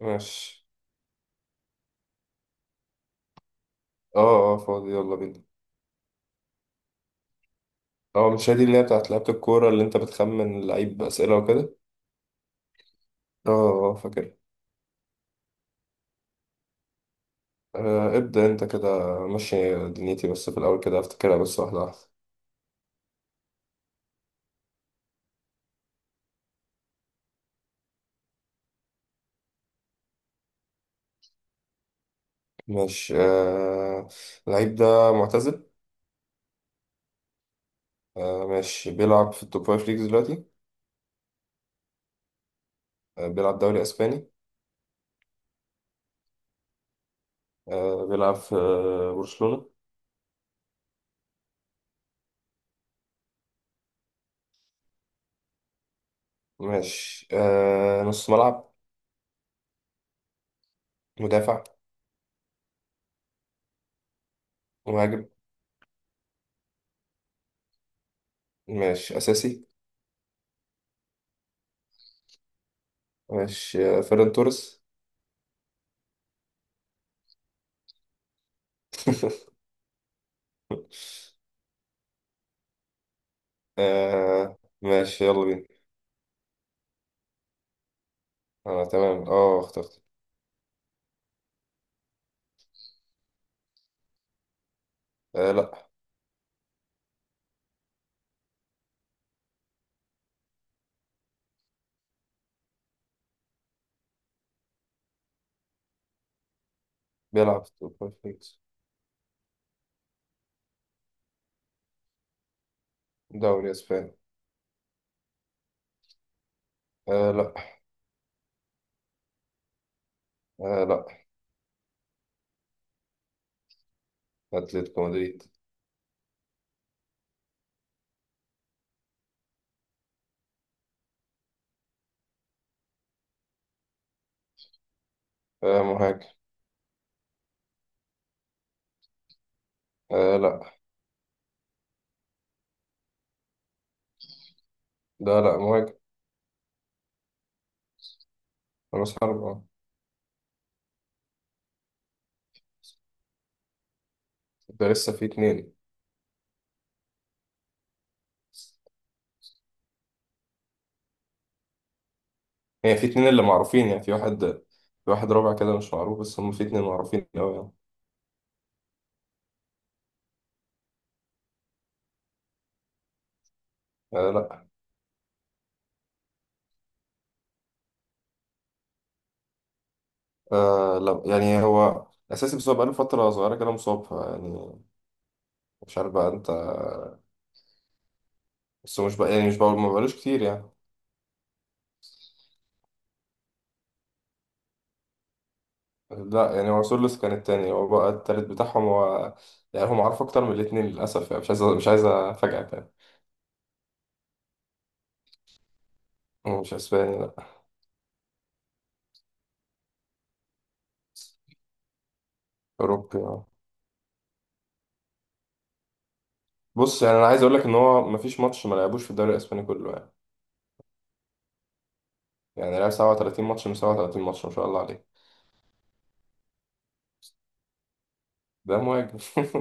ماشي. اه فاضي، يلا بينا. اه، مش هي دي اللي هي بتاعت لعبة الكورة اللي انت بتخمن اللعيب بأسئلة وكده؟ اه. اه فاكر. آه ابدأ انت كده، ماشي دنيتي، بس في الأول كده افتكرها بس واحدة واحدة. ماشي آه. اللعيب ده معتزل؟ آه ماشي. بيلعب في التوب فايف ليجز دلوقتي. آه بيلعب دوري أسباني. آه بيلعب في برشلونة. ماشي آه، نص ملعب؟ مدافع؟ مهاجم. ماشي، أساسي؟ ماشي آه، فيران توريس. آه ماشي، يلا بينا. أنا تمام، أه اخترت. آه لأ. بيلعب في السوبر ليجز. دوري أسباني. آه لأ. آه لأ. أتلتيكو مدريد. آه مهاجم. آه لأ. لا لأ مهاجم. رأس حرب أه. ده لسه في اتنين. يعني في اتنين اللي معروفين، يعني في واحد. في واحد رابع كده مش معروف، بس هم في اتنين معروفين أوي يعني. آه لأ. آه لأ يعني هو أساسي، بس هو بقاله فترة صغيرة كده مصاب يعني. مش عارف بقى أنت. بس هو مش بقى ما بقالوش كتير يعني. لا يعني هو سولوس كان التاني، هو بقى التالت بتاعهم هو. يعني هم عارف اكتر من الاتنين للاسف يعني، مش عايز افاجئك يعني. هو مش اسباني، لا. اوروبي اه. بص يعني انا عايز اقول لك ان هو مفيش ماتش ما لعبوش في الدوري الاسباني كله يعني. يعني لعب 37 ماتش من 37 ماتش، ما شاء الله عليه. ده مهاجم.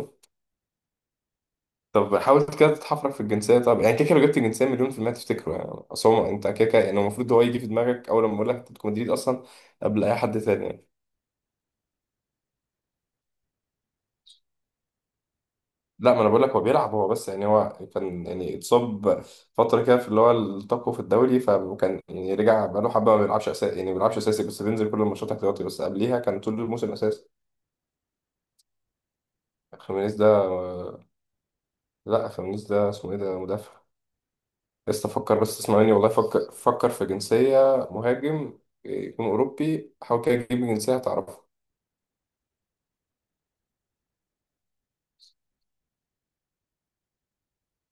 طب حاول كده تتحفرك في الجنسيه. طب يعني كده كده لو جبت الجنسيه مليون في المية تفتكره يعني. اصل هو انت كده كده يعني المفروض هو يجي في دماغك اول لما اقول لك أنت بتكون مدريد اصلا، قبل اي حد تاني يعني. لا، ما انا بقول لك هو بيلعب، هو بس يعني هو كان يعني اتصاب فتره كده في اللي هو التقوى في الدوري، فكان يعني رجع بقاله حبه ما بيلعبش اساسي يعني، ما بيلعبش اساسي بس بينزل كل الماتشات احتياطي، بس قبليها كان طول الموسم اساسي. خيمينيز ده؟ لا خيمينيز ده اسمه ايه، ده مدافع. لسه فكر بس، اسمعني والله، فكر في جنسيه. مهاجم. يكون اوروبي، حاول كده تجيب جنسيه هتعرفها.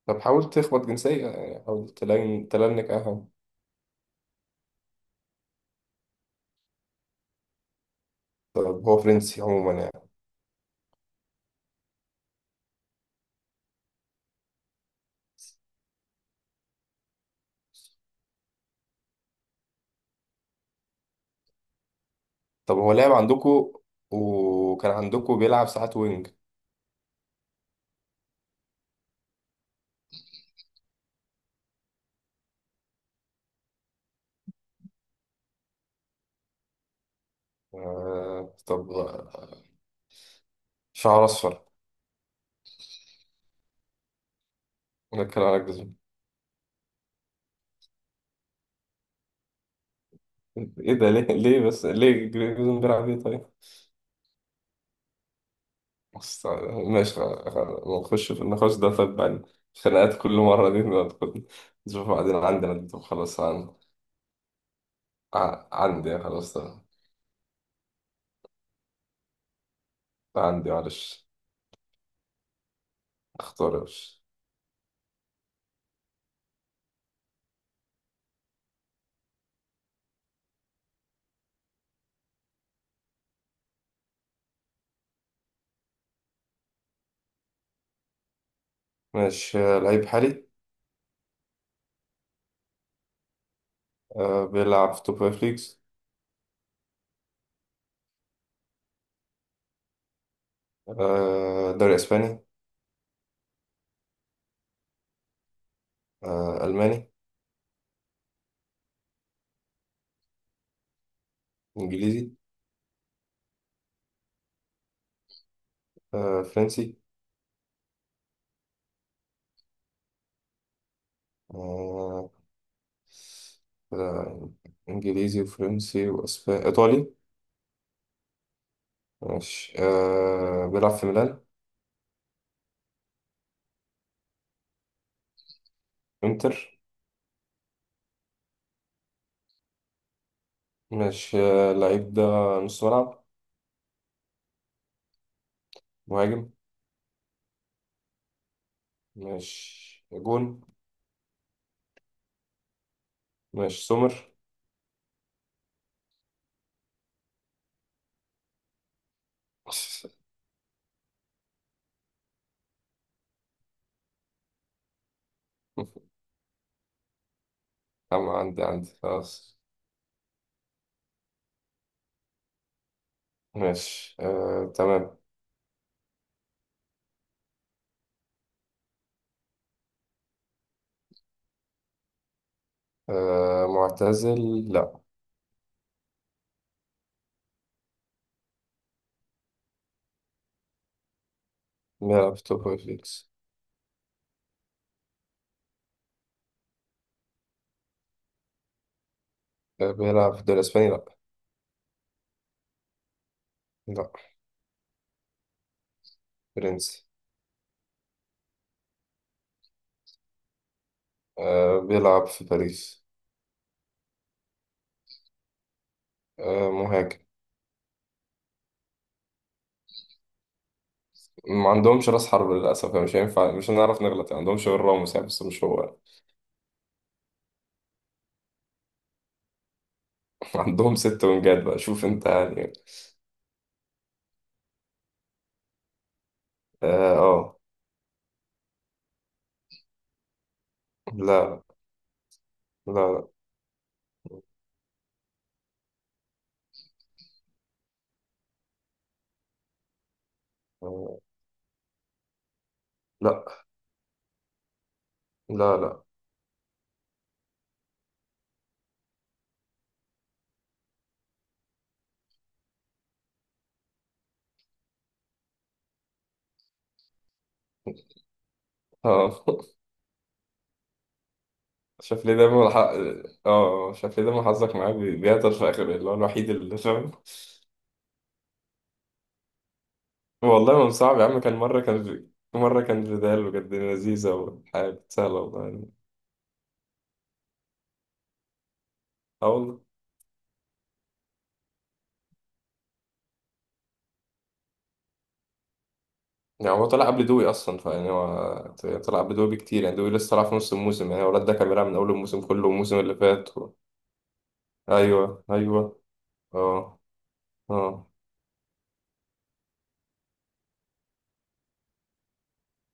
طب حاول تخبط جنسيه، يعني حاول تلنك اهم. طب هو فرنسي عموما يعني. طب هو لعب عندكو، وكان عندكو بيلعب ساعات وينج. آه طب، شعر اصفر. نتكلم على جريزمان. ايه ده، ليه؟ ليه بس ليه جريزمان بيلعب ايه طيب؟ بس آه، ماشي نخش في النقاش ده طيب بعد، خناقات كل مرة دي ندخل، نشوف بعدين عندنا دي. طب خلاص عندي يعني، خلاص ده. عندي معلش. اختار يا باشا. ماشي آه، لعيب حالي. آه بيلعب في توب فايف ليجز. آه دوري اسباني. آه الماني. انجليزي. آه، فرنسي. آه، آه، إنجليزي وفرنسي وأسباني، إيطالي. ماشي آه، بيلعب في ميلان. إنتر. ماشي آه، اللعيب ده نص ملعب؟ مهاجم؟ ماشي جون. ماشي سومر. عندي خلاص. ماشي آه، تمام. آه، معتزل؟ لا. بيلعب في توب فايف ليجز. آه، بيلعب في الدوري الإسباني؟ لا. لا. فرنسي. آه، بيلعب في باريس. آه، مهاجم. ما عندهمش راس حرب للأسف يعني، مش هينفع مش هنعرف نغلط يعني، عندهمش غير راموس يعني بس مش هو. عندهم ست ونجات بقى، شوف انت يعني. اه آه. لا. لا. لا. آه، لا. لا. لا. اه. شاف ليه دايما اه شاف ليه دايما حظك معاه بيعطل في اخر اللي هو الوحيد اللي فاهم. والله ما صعب يا عم، كان مرة كان مرة كان فيدال وكانت الدنيا لذيذة وحاجة سهلة والله. اه والله. يعني هو طلع قبل دوي اصلا، فيعني هو طلع قبل دوي بكتير يعني، دوي لسه طلع في نص الموسم، يعني الولد ده كان بيلعب من اول الموسم كله والموسم اللي فات ايوه اه. اه.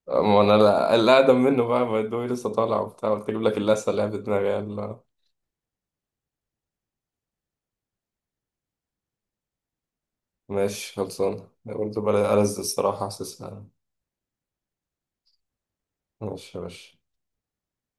ما انا الاقدم منه بقى، ما دوي لسه طالع وبتاع، قلت اجيب لك اللسه اللي هي في دماغي يلا. ماشي خلصان برضه، بلا ألذ الصراحه حاسسها. ماشي يا باشا.